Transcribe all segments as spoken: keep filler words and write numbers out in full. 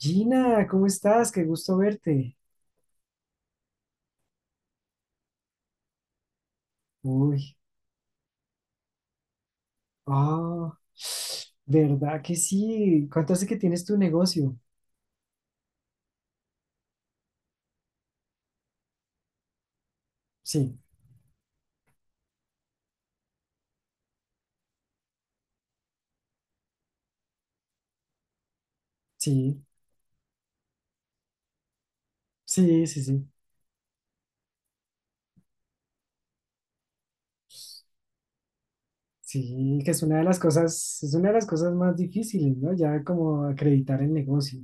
Gina, ¿cómo estás? Qué gusto verte. Uy, ah, ¿verdad que sí? ¿Cuánto hace que tienes tu negocio? Sí, sí, sí, sí, sí. Sí, que es una de las cosas, es una de las cosas más difíciles, ¿no? Ya como acreditar el negocio.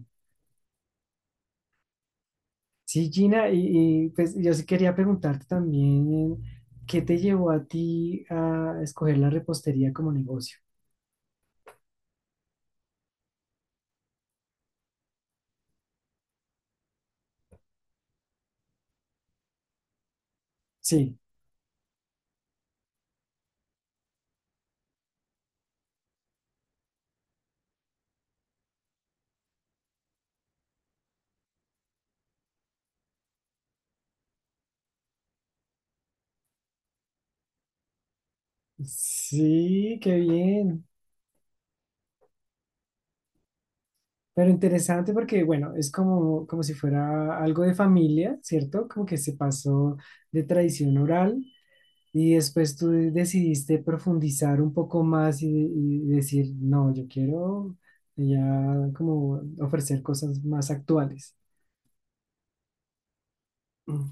Sí, Gina, y, y, pues yo sí quería preguntarte también, ¿qué te llevó a ti a escoger la repostería como negocio? Sí, sí, qué bien. Pero interesante porque, bueno, es como, como si fuera algo de familia, ¿cierto? Como que se pasó de tradición oral y después tú decidiste profundizar un poco más y, y decir, no, yo quiero ya como ofrecer cosas más actuales. Mm.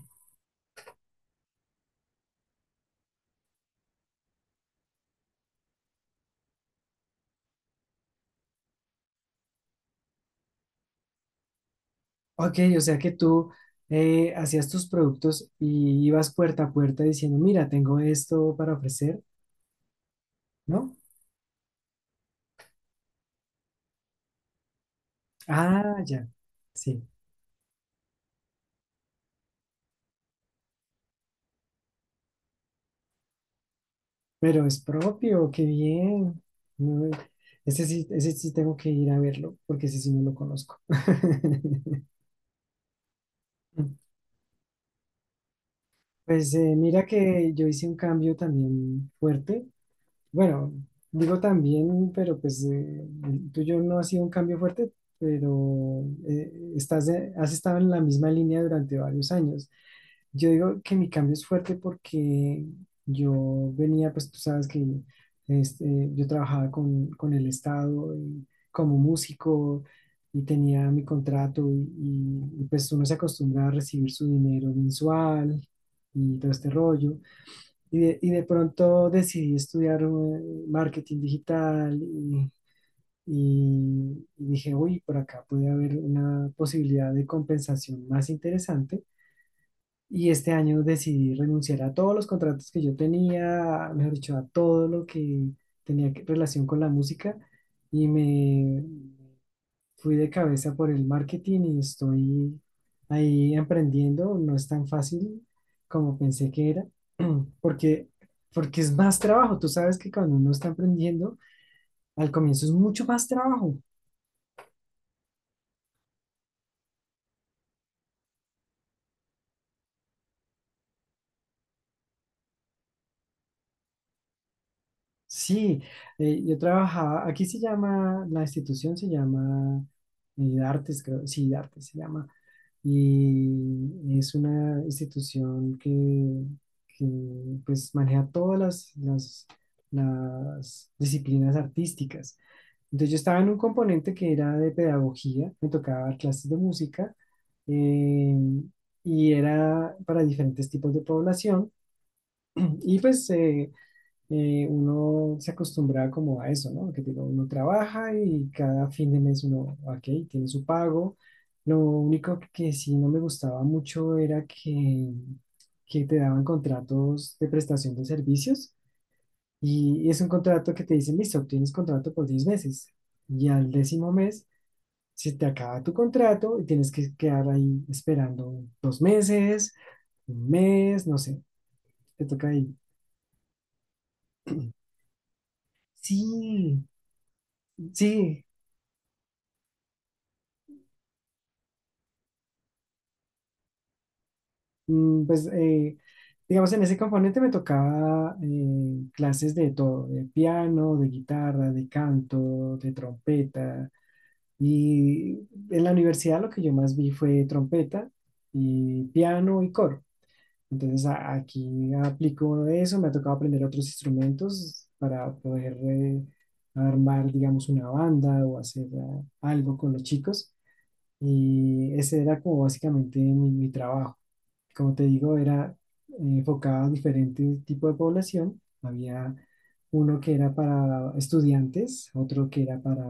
Ok, o sea que tú eh, hacías tus productos y ibas puerta a puerta diciendo, mira, tengo esto para ofrecer, ¿no? Ah, ya, sí. Pero es propio, qué bien. No, ese sí, ese sí tengo que ir a verlo, porque ese sí no lo conozco. Pues eh, mira que yo hice un cambio también fuerte. Bueno, digo también, pero pues eh, el tuyo no ha sido un cambio fuerte, pero eh, estás, eh, has estado en la misma línea durante varios años. Yo digo que mi cambio es fuerte porque yo venía, pues tú sabes que este, yo trabajaba con, con el Estado y como músico y tenía mi contrato y, y, pues uno se acostumbra a recibir su dinero mensual y todo este rollo. Y de, y de pronto decidí estudiar eh, marketing digital y, y y dije, uy, por acá puede haber una posibilidad de compensación más interesante y este año decidí renunciar a todos los contratos que yo tenía, mejor dicho, a todo lo que tenía que- relación con la música y me fui de cabeza por el marketing y estoy ahí emprendiendo. No es tan fácil como pensé que era, porque, porque es más trabajo. Tú sabes que cuando uno está emprendiendo, al comienzo es mucho más trabajo. Sí, eh, yo trabajaba, aquí se llama, la institución se llama eh, Artes, creo, sí, Artes se llama, y es una institución que, que, pues maneja todas las, las, las disciplinas artísticas. Entonces yo estaba en un componente que era de pedagogía, me tocaba dar clases de música, eh, y era para diferentes tipos de población, y pues eh, eh, uno se acostumbraba como a eso, ¿no? Que digo, uno trabaja y cada fin de mes uno, ok, tiene su pago. Lo único que sí no me gustaba mucho era que, que te daban contratos de prestación de servicios y es un contrato que te dicen, listo, tienes contrato por diez meses y al décimo mes se te acaba tu contrato y tienes que quedar ahí esperando dos meses, un mes, no sé, te toca ahí. Sí, sí, mm, pues, eh, digamos, en ese componente me tocaba eh, clases de todo, de piano, de guitarra, de canto, de trompeta. Y en la universidad lo que yo más vi fue trompeta y piano y coro. Entonces, a- aquí aplico eso, me ha tocado aprender otros instrumentos para poder eh, armar, digamos, una banda o hacer eh, algo con los chicos. Y ese era como básicamente mi mi trabajo. Como te digo, era eh, enfocado a diferentes tipos de población. Había uno que era para estudiantes, otro que era para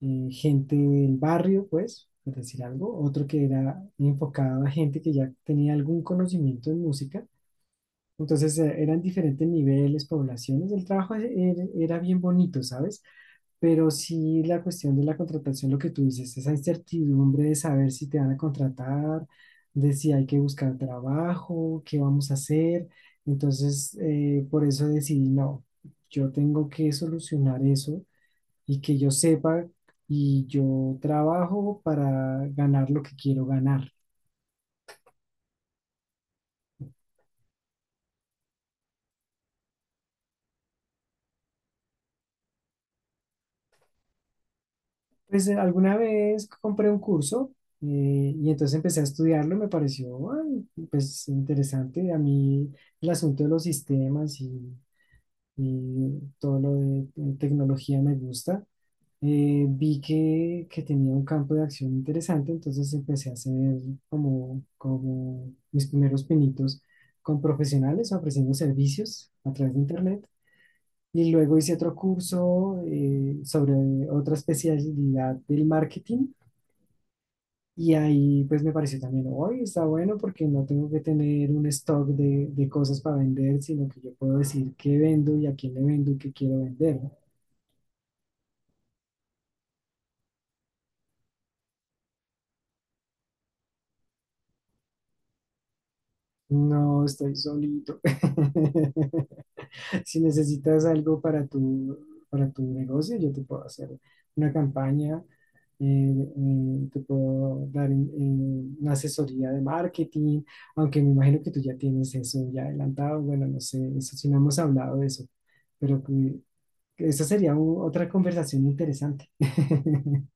eh, gente del barrio, pues, por decir algo, otro que era enfocado a gente que ya tenía algún conocimiento en música. Entonces eh, eran diferentes niveles, poblaciones. El trabajo e- era, era bien bonito, ¿sabes? Pero sí la cuestión de la contratación, lo que tú dices, esa incertidumbre de saber si te van a contratar, de si hay que buscar trabajo, qué vamos a hacer. Entonces, eh, por eso decidí, no, yo tengo que solucionar eso y que yo sepa y yo trabajo para ganar lo que quiero ganar. Pues eh, alguna vez compré un curso eh, y entonces empecé a estudiarlo, y me pareció, ay, pues interesante. A mí el asunto de los sistemas y y todo lo de eh, tecnología me gusta. Eh, vi que, que tenía un campo de acción interesante, entonces empecé a hacer como, como mis primeros pinitos con profesionales ofreciendo servicios a través de internet. Y luego hice otro curso eh, sobre otra especialidad del marketing. Y ahí pues me pareció también, hoy está bueno porque no tengo que tener un stock de, de cosas para vender, sino que yo puedo decir qué vendo y a quién le vendo y qué quiero vender, ¿no? No, estoy solito. Si necesitas algo para tu, para tu negocio, yo te puedo hacer una campaña, eh, eh, te puedo dar eh, una asesoría de marketing, aunque me imagino que tú ya tienes eso ya adelantado. Bueno, no sé, eso sí no hemos hablado de eso, pero que, que esa sería u- otra conversación interesante.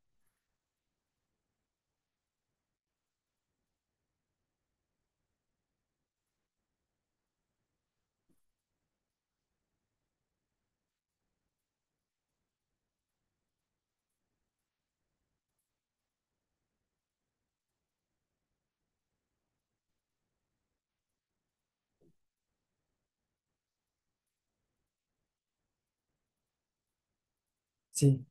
Sí.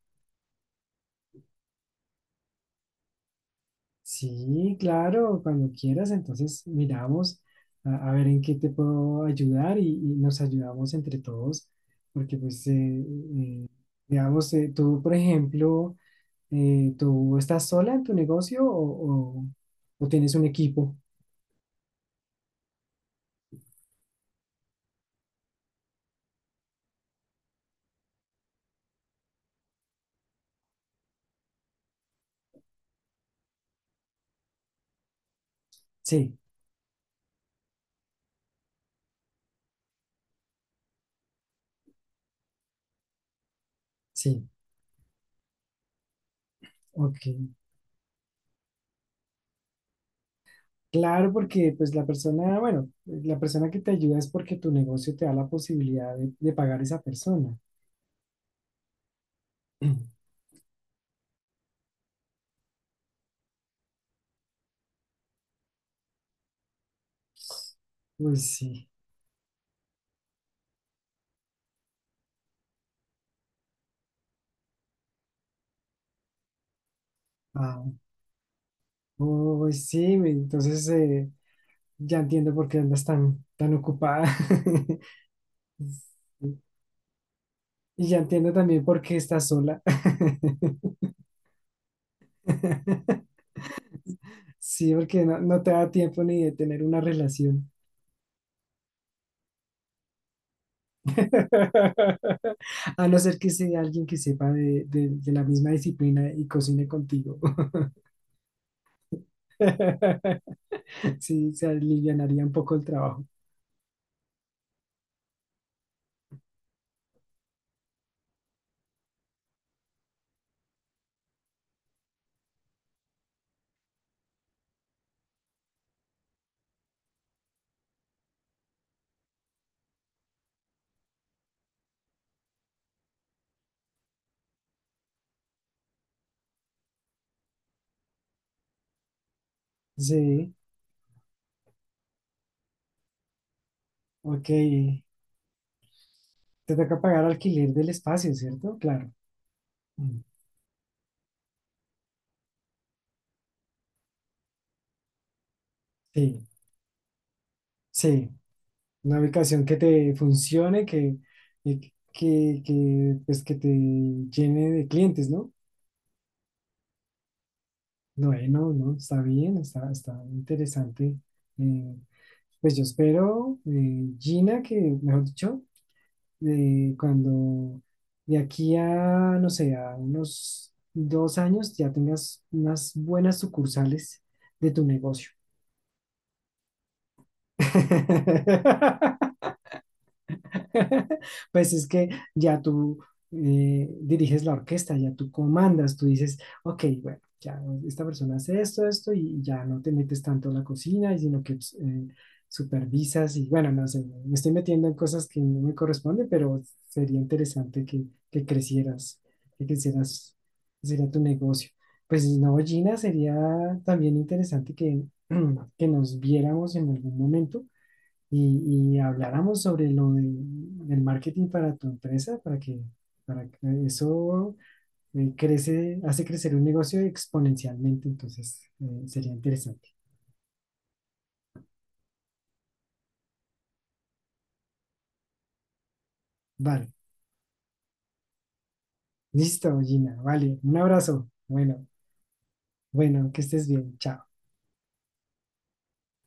Sí, claro, cuando quieras, entonces miramos a, a ver en qué te puedo ayudar y, y nos ayudamos entre todos, porque pues, eh, eh, digamos, eh, tú, por ejemplo, eh, ¿tú estás sola en tu negocio o, o- o tienes un equipo? Sí, sí, ok. Claro, porque pues la persona, bueno, la persona que te ayuda es porque tu negocio te da la posibilidad de, de pagar a esa persona. Pues sí. Ah, uy, sí, me- entonces eh, ya entiendo por qué andas tan, tan ocupada. Y ya entiendo también por qué estás sola. Sí, porque no, no te da tiempo ni de tener una relación. A no ser que sea alguien que sepa de, de- de la misma disciplina y cocine contigo. Sí, se alivianaría un poco el trabajo. Sí, ok. Te toca pagar alquiler del espacio, ¿cierto? Claro. Mm. Sí, sí. Una ubicación que te funcione, que, que, que, que, pues, que te llene de clientes, ¿no? Bueno, no, está bien, está, está interesante. Eh, pues yo espero, eh, Gina, que, mejor dicho, eh, cuando de aquí a, no sé, a unos dos años ya tengas unas buenas sucursales de tu negocio. Pues es que ya tú eh, diriges la orquesta, ya tú comandas, tú dices, ok, bueno, ya esta persona hace esto, esto, y ya no te metes tanto en la cocina, sino que pues, eh, supervisas y bueno, no sé, me estoy metiendo en cosas que no me corresponden, pero sería interesante que, que crecieras, que crecieras, sería tu negocio. Pues no, Gina, sería también interesante que, que nos viéramos en algún momento y, y habláramos sobre lo de, del marketing para tu empresa, para que, para que eso eh, crece, hace crecer un negocio exponencialmente, entonces eh, sería interesante. Vale, listo, Gina, vale, un abrazo. Bueno, bueno, que estés bien, chao.